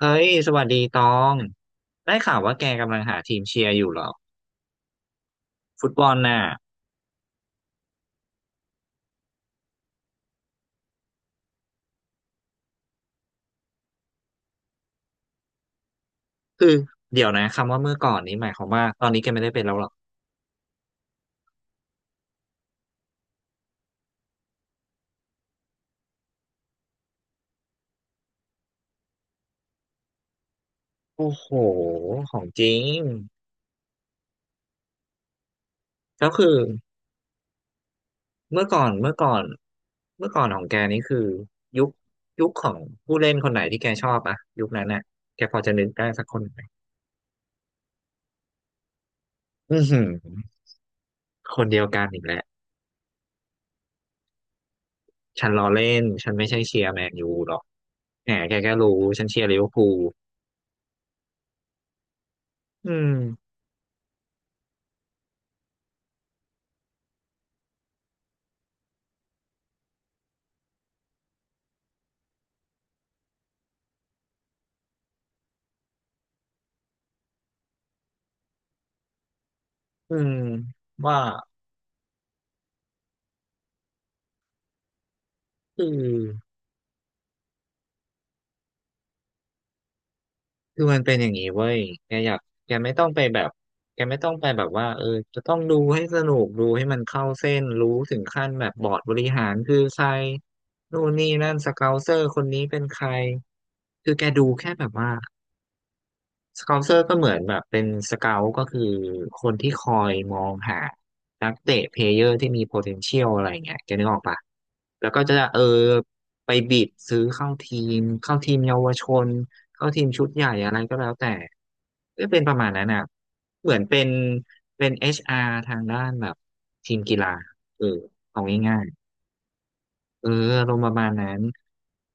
เฮ้ยสวัสดีตอง ได้ข่าวว่าแกกำลังหาทีมเชียร์อยู่เหรอฟุตบอลน่ะคือเดี๋ยวนะคำว่าเมื่อก่อนนี้หมายความว่าตอนนี้แกไม่ได้เป็นแล้วเหรอโอ้โหของจริงก็คือเมื่อก่อนเมื่อก่อนเมื่อก่อนของแกนี่คือยุคยุคของผู้เล่นคนไหนที่แกชอบอะยุคนั้นน่ะแกพอจะนึกได้สักคนไหมอือหือคนเดียวกันอีกแล้วฉันล้อเล่นฉันไม่ใช่เชียร์แมนยูหรอกแหมแกก็รู้ฉันเชียร์ลิเวอร์พูลอืมอืมว่า คือคือมันเป็นอย่างนี้เว้ยแกอยากแกไม่ต้องไปแบบแกไม่ต้องไปแบบว่าเออจะต้องดูให้สนุกดูให้มันเข้าเส้นรู้ถึงขั้นแบบบอร์ดบริหารคือใครนู่นนี่นั่นสเกาเซอร์คนนี้เป็นใครคือแกดูแค่แบบว่า สเกาเซอร์ก็เหมือนแบบเป็นสเกาต์ก็คือคนที่คอยมองหานักเตะเพลเยอร์ที่มี potential อะไรเงี้ยแกนึกออกปะแล้วก็จะเออไปบิดซื้อเข้าทีมเข้าทีมเยาวชนเข้าทีมชุดใหญ่อะไรก็แล้วแต่ก็เป็นประมาณนั้นอ่ะเหมือนเป็น HR ทางด้านแบบทีมกีฬาเออเอาง่าย เอออารมณ์ประมาณนั้น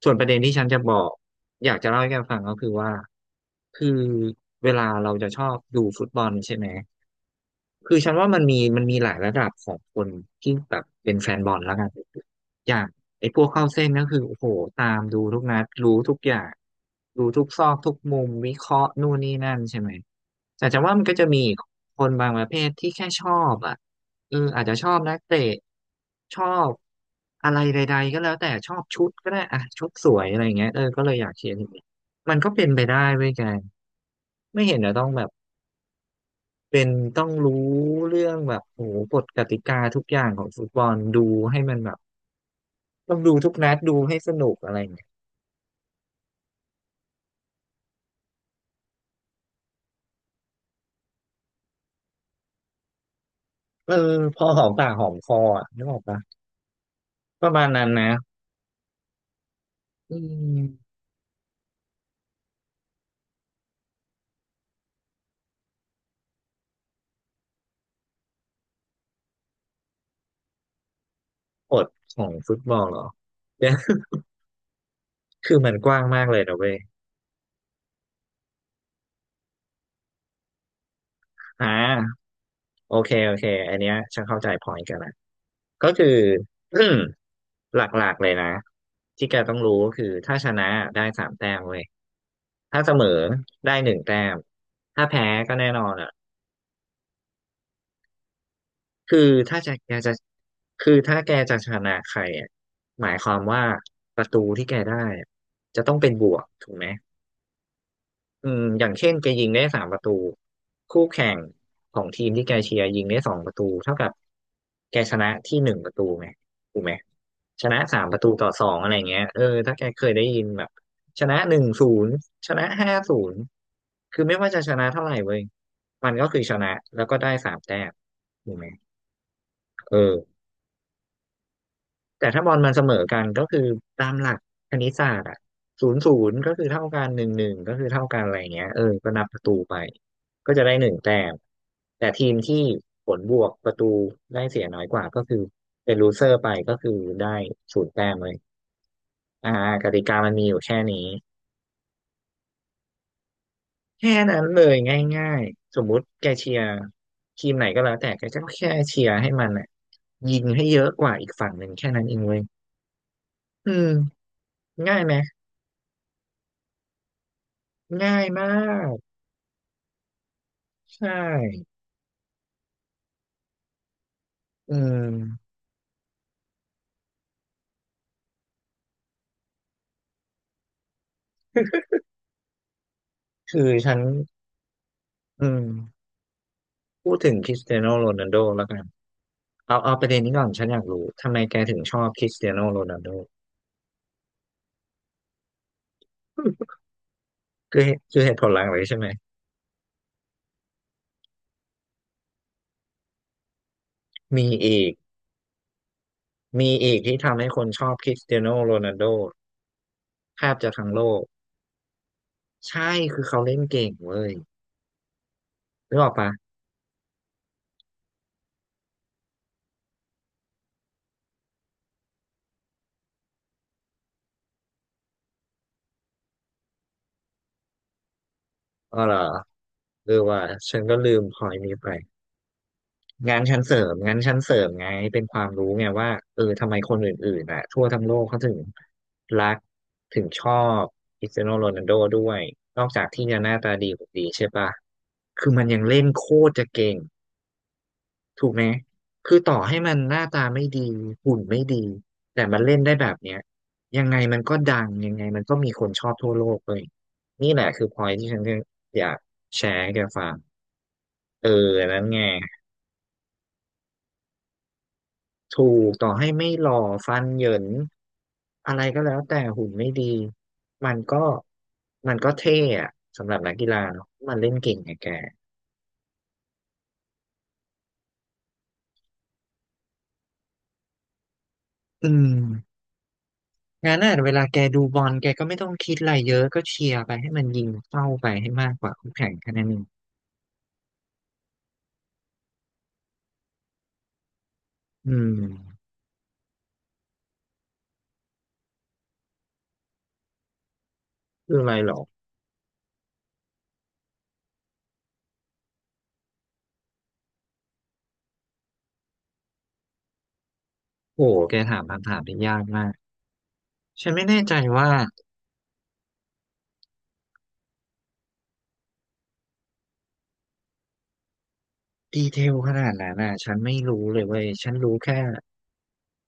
ส่วนประเด็นที่ฉันจะบอก อยากจะเล่าให้แกฟังก็คือว่า คือเวลาเราจะชอบดูฟุตบอลใช่ไหม คือฉันว่ามันมีหลายระดับของคนที่แบบเป็นแฟนบอลแล้วกันอย่างไอ้พวกเข้าเส้นก็คือโอ้โหตามดูทุกนัดรู้ทุกอย่างรู้ทุกซอกทุกมุมวิเคราะห์นู่นนี่นั่นใช่ไหมแต่จะว่ามันก็จะมีคนบางประเภทที่แค่ชอบอ่ะเอออาจจะชอบนักเตะชอบอะไรใดๆก็แล้วแต่ชอบชุดก็ได้อ่ะชุดสวยอะไรอย่างเงี้ยเออก็เลยอยากเชียร์ทีมนี้มันก็เป็นไปได้เว้ยแกไม่เห็นจะต้องแบบ เป็นต้องรู้เรื่องแบบโอ้โหกฎกติกาทุกอย่างของฟุตบอลดูให้มันแบบต้องดูทุกนัดดูให้สนุกอะไรอย่างเงี้ยเออพอหอมปากหอมคออ่ะนึกออกปะประมาณนั้นนะอืมกฎของฟุตบอลเหรอเดี๋ยวคือมันกว้างมากเลยนะเว้ยอ่าโอเคโอเคอันเนี้ยฉันเข้าใจพอยกันละก็คือ อืมหลักๆเลยนะที่แกต้องรู้ก็คือถ้าชนะได้สามแต้มเว้ยถ้าเสมอได้หนึ่งแต้มถ้าแพ้ก็แน่นอนอ่ะ คือถ้าจะแกจะคือถ้าแกจะชนะใครอ่ะหมายความว่าประตูที่แกได้อะจะต้องเป็นบวกถูกไหมอืมอย่างเช่นแกยิงได้สามประตูคู่แข่งของทีมที่แกเชียร์ยิงได้2 ประตูเท่ากับแกชนะที่1 ประตูไหมถูกไหมชนะ3 ประตู ต่อ 2อะไรเงี้ยเออถ้าแกเคยได้ยินแบบชนะ1-0ชนะ5-0คือไม่ว่าจะชนะเท่าไหร่เว้ยมันก็คือชนะแล้วก็ได้สามแต้มถูกไหมเออ แต่ถ้าบอลมันเสมอกันก็คือตามหลักคณิตศาสตร์อะ0-0ก็คือเท่ากัน1-1ก็คือเท่ากันอะไรเงี้ยเออ ก็นับประตูไปก็จะได้หนึ่งแต้มแต่ทีมที่ผลบวกประตูได้เสียน้อยกว่าก็คือเป็นลูเซอร์ไปก็คือได้0 แต้มเลยอ่ากติกามันมีอยู่แค่นี้แค่นั้นเลยง่ายๆสมมุติแกเชียร์ทีมไหนก็แล้วแต่แกก็แค่เชียร์ให้มันอ่ะยิงให้เยอะกว่าอีกฝั่งหนึ่งแค่นั้นเองเว้ยอืมง่ายไหมง่ายมาก ใช่ อืมคือฉัน อืมพูดถึงคริสเตียโนโรนัลโดแล้วกัน เอา เอาประเด็นนี้ก่อน ฉันอยากรู้ ทำไมแกถึงชอบคริสเตียโนโรนัลโดคือคือเหตุผลหลักเลยใช่ไหมมีอีก มีอีกที่ทำให้คนชอบคริสเตียโนโรนัลโดแทบจะทั้งโลก ใช่ คือเขาเล่นเก่งเว้ยนึกออกปะอ๋อเหรอเออว่าฉันก็ลืมพอยนี้ไป งานชั้นเสริมงานชั้นเสริมไงเป็นความรู้ไงว่าเออทำไมคนอื่นๆอ่ะทั่วทั้งโลกเขาถึงรักถึงชอบคริสเตียโนโรนัลโดด้วยนอกจากที่จะหน้าตาดีกว่าดีใช่ปะคือมันยังเล่นโคตรจะเก่งถูกไหมคือต่อให้มันหน้าตาไม่ดีหุ่นไม่ดีแต่มันเล่นได้แบบเนี้ยยังไงมันก็ดังยังไงมันก็มีคนชอบทั่วโลกเลยนี่แหละคือพอยที่ฉันอยากแชร์ให้แกฟังเออนั้นไง ถูกต่อให้ไม่หล่อฟันเหยินอะไรก็แล้วแต่หุ่นไม่ดีมันก็เท่อะสำหรับนักกีฬาเนาะมันเล่นเก่งไงแกอืมงั้นน่ะเวลาแกดูบอลแกก็ไม่ต้องคิดอะไรเยอะก็เชียร์ไปให้มันยิงเข้าไปให้มากกว่าคู่แข่งแค่นั้นเองอืมคืออะไรหรอโอ้โหแกถามคำถามที่ยากมากฉันไม่แน่ใจว่า ดีเทลขนาดนั้นน่ะฉันไม่รู้เลยเว้ยฉันรู้แค่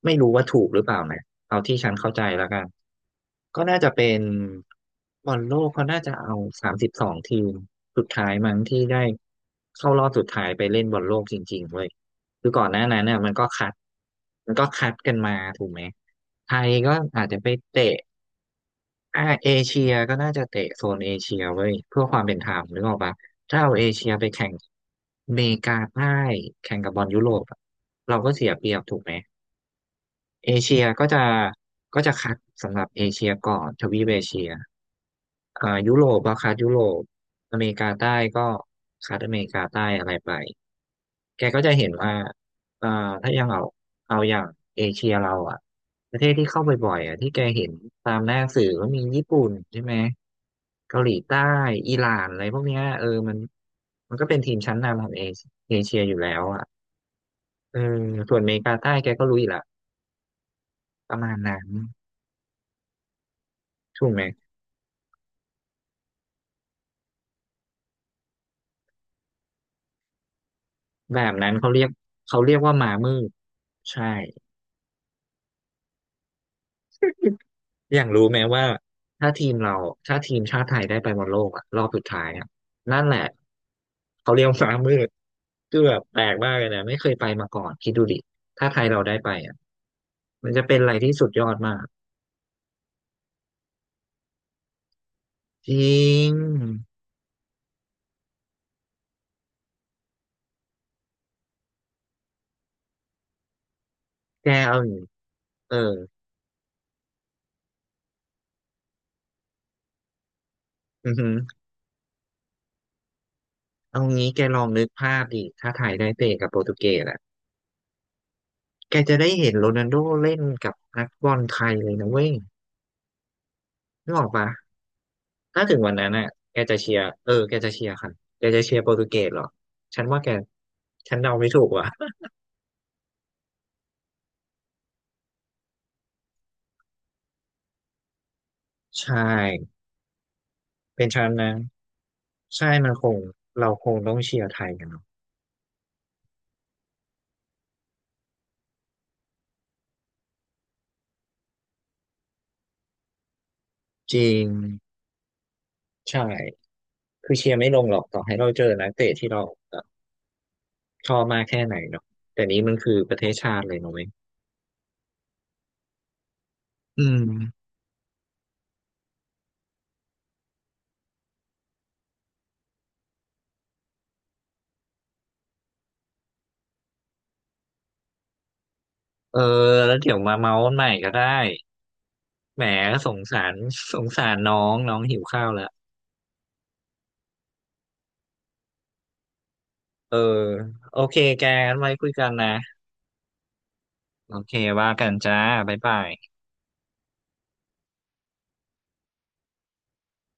ไม่รู้ว่าถูกหรือเปล่านะเอาที่ฉันเข้าใจแล้วกันก็น่าจะเป็นบอลโลกเขาน่าจะเอา32ทีมสุดท้ายมั้งที่ได้เข้ารอบสุดท้ายไปเล่นบอลโลกจริงๆเว้ยคือก่อนหน้านั้นเนี่ยมันก็คัดกันมาถูกไหมไทยก็อาจจะไปเตะ อ่าเอเชียก็น่าจะเตะโซนเอเชียเว้ยเพื่อความเป็นธรรมนึกออกปะถ้าเอาเอเชียไปแข่งอเมริกาใต้แข่งกับบอลยุโรปอะเราก็เสียเปรียบถูกไหม เอเชียก็จะคัดสำหรับเอเชียก่อนทวีปเอเชียอ่ายุโรปก็คัดยุโรปอเมริกาใต้ก็คัดอเมริกาใต้อะไรไป แกก็จะเห็นว่าอ่าถ้ายังเอาอย่างเอเชียเราอ่ะประเทศที่เข้าไปบ่อยๆอ่ะที่แกเห็นตามหน้าสื่อก็มีญี่ปุ่นใช่ไหมเกาหลีใต้อิหร่านอะไรพวกเนี้ยเออมันก็เป็นทีมชั้นนำของเอเชียอยู่แล้วอ่ะเออส่วนอเมริกาใต้แกก็รู้อยู่ละประมาณนั้น ถูกไหมแบบนั้นเขาเรียกว่าหมามืดใช่อย่างรู้ไหมว่าถ้าทีมเราถ้าทีมชาติไทยได้ไปบอลโลกอะรอบสุดท้ายอะนั่นแหละเขาเรียกวาหมามืดคือแบบแปลกมากเลยนะไม่เคยไปมาก่อนคิดดูดิถ้าไทยเราได้ไปอะมันจะเป็นอะไรที่สุดยอดมากจริงแกเอาอย่างงี้เอออือหือเอางี้แกลองนึกภาพดิถ้าไทยได้เตะกับโปรตุเกสอะแกจะได้เห็นโรนัลโดเล่นกับนักบอลไทยเลยนะเว้ยนึกออกปะ ถ้าถึงวันนั้นน่ะแกจะเชียร์เออแกจะเชียร์ใครแกจะเชียร์โปรตุเกสเหรอฉันว่าแกฉันเดาไม่ถูกว่ะ ใช่เป็นฉันนะ ใช่มันคง เราคงต้องเชียร์ไทยกันเนาะจริงใช่ คือเชียร์ไม่ลงหรอก ต่อให้เราเจอนักเตะที่เราแบบชอบมากแค่ไหนเนาะแต่นี้มันคือประเทศชาติเลยเนาะเว้ยอืมเออแล้วเดี๋ยวมาเมาส์กันใหม่ก็ได้แหมสงสารน้องน้องหิวข้าวแล้วเออโอเคแกงั้นไว้คุยกันนะ โอเค ว่ากันจ้าบ๊ายบาย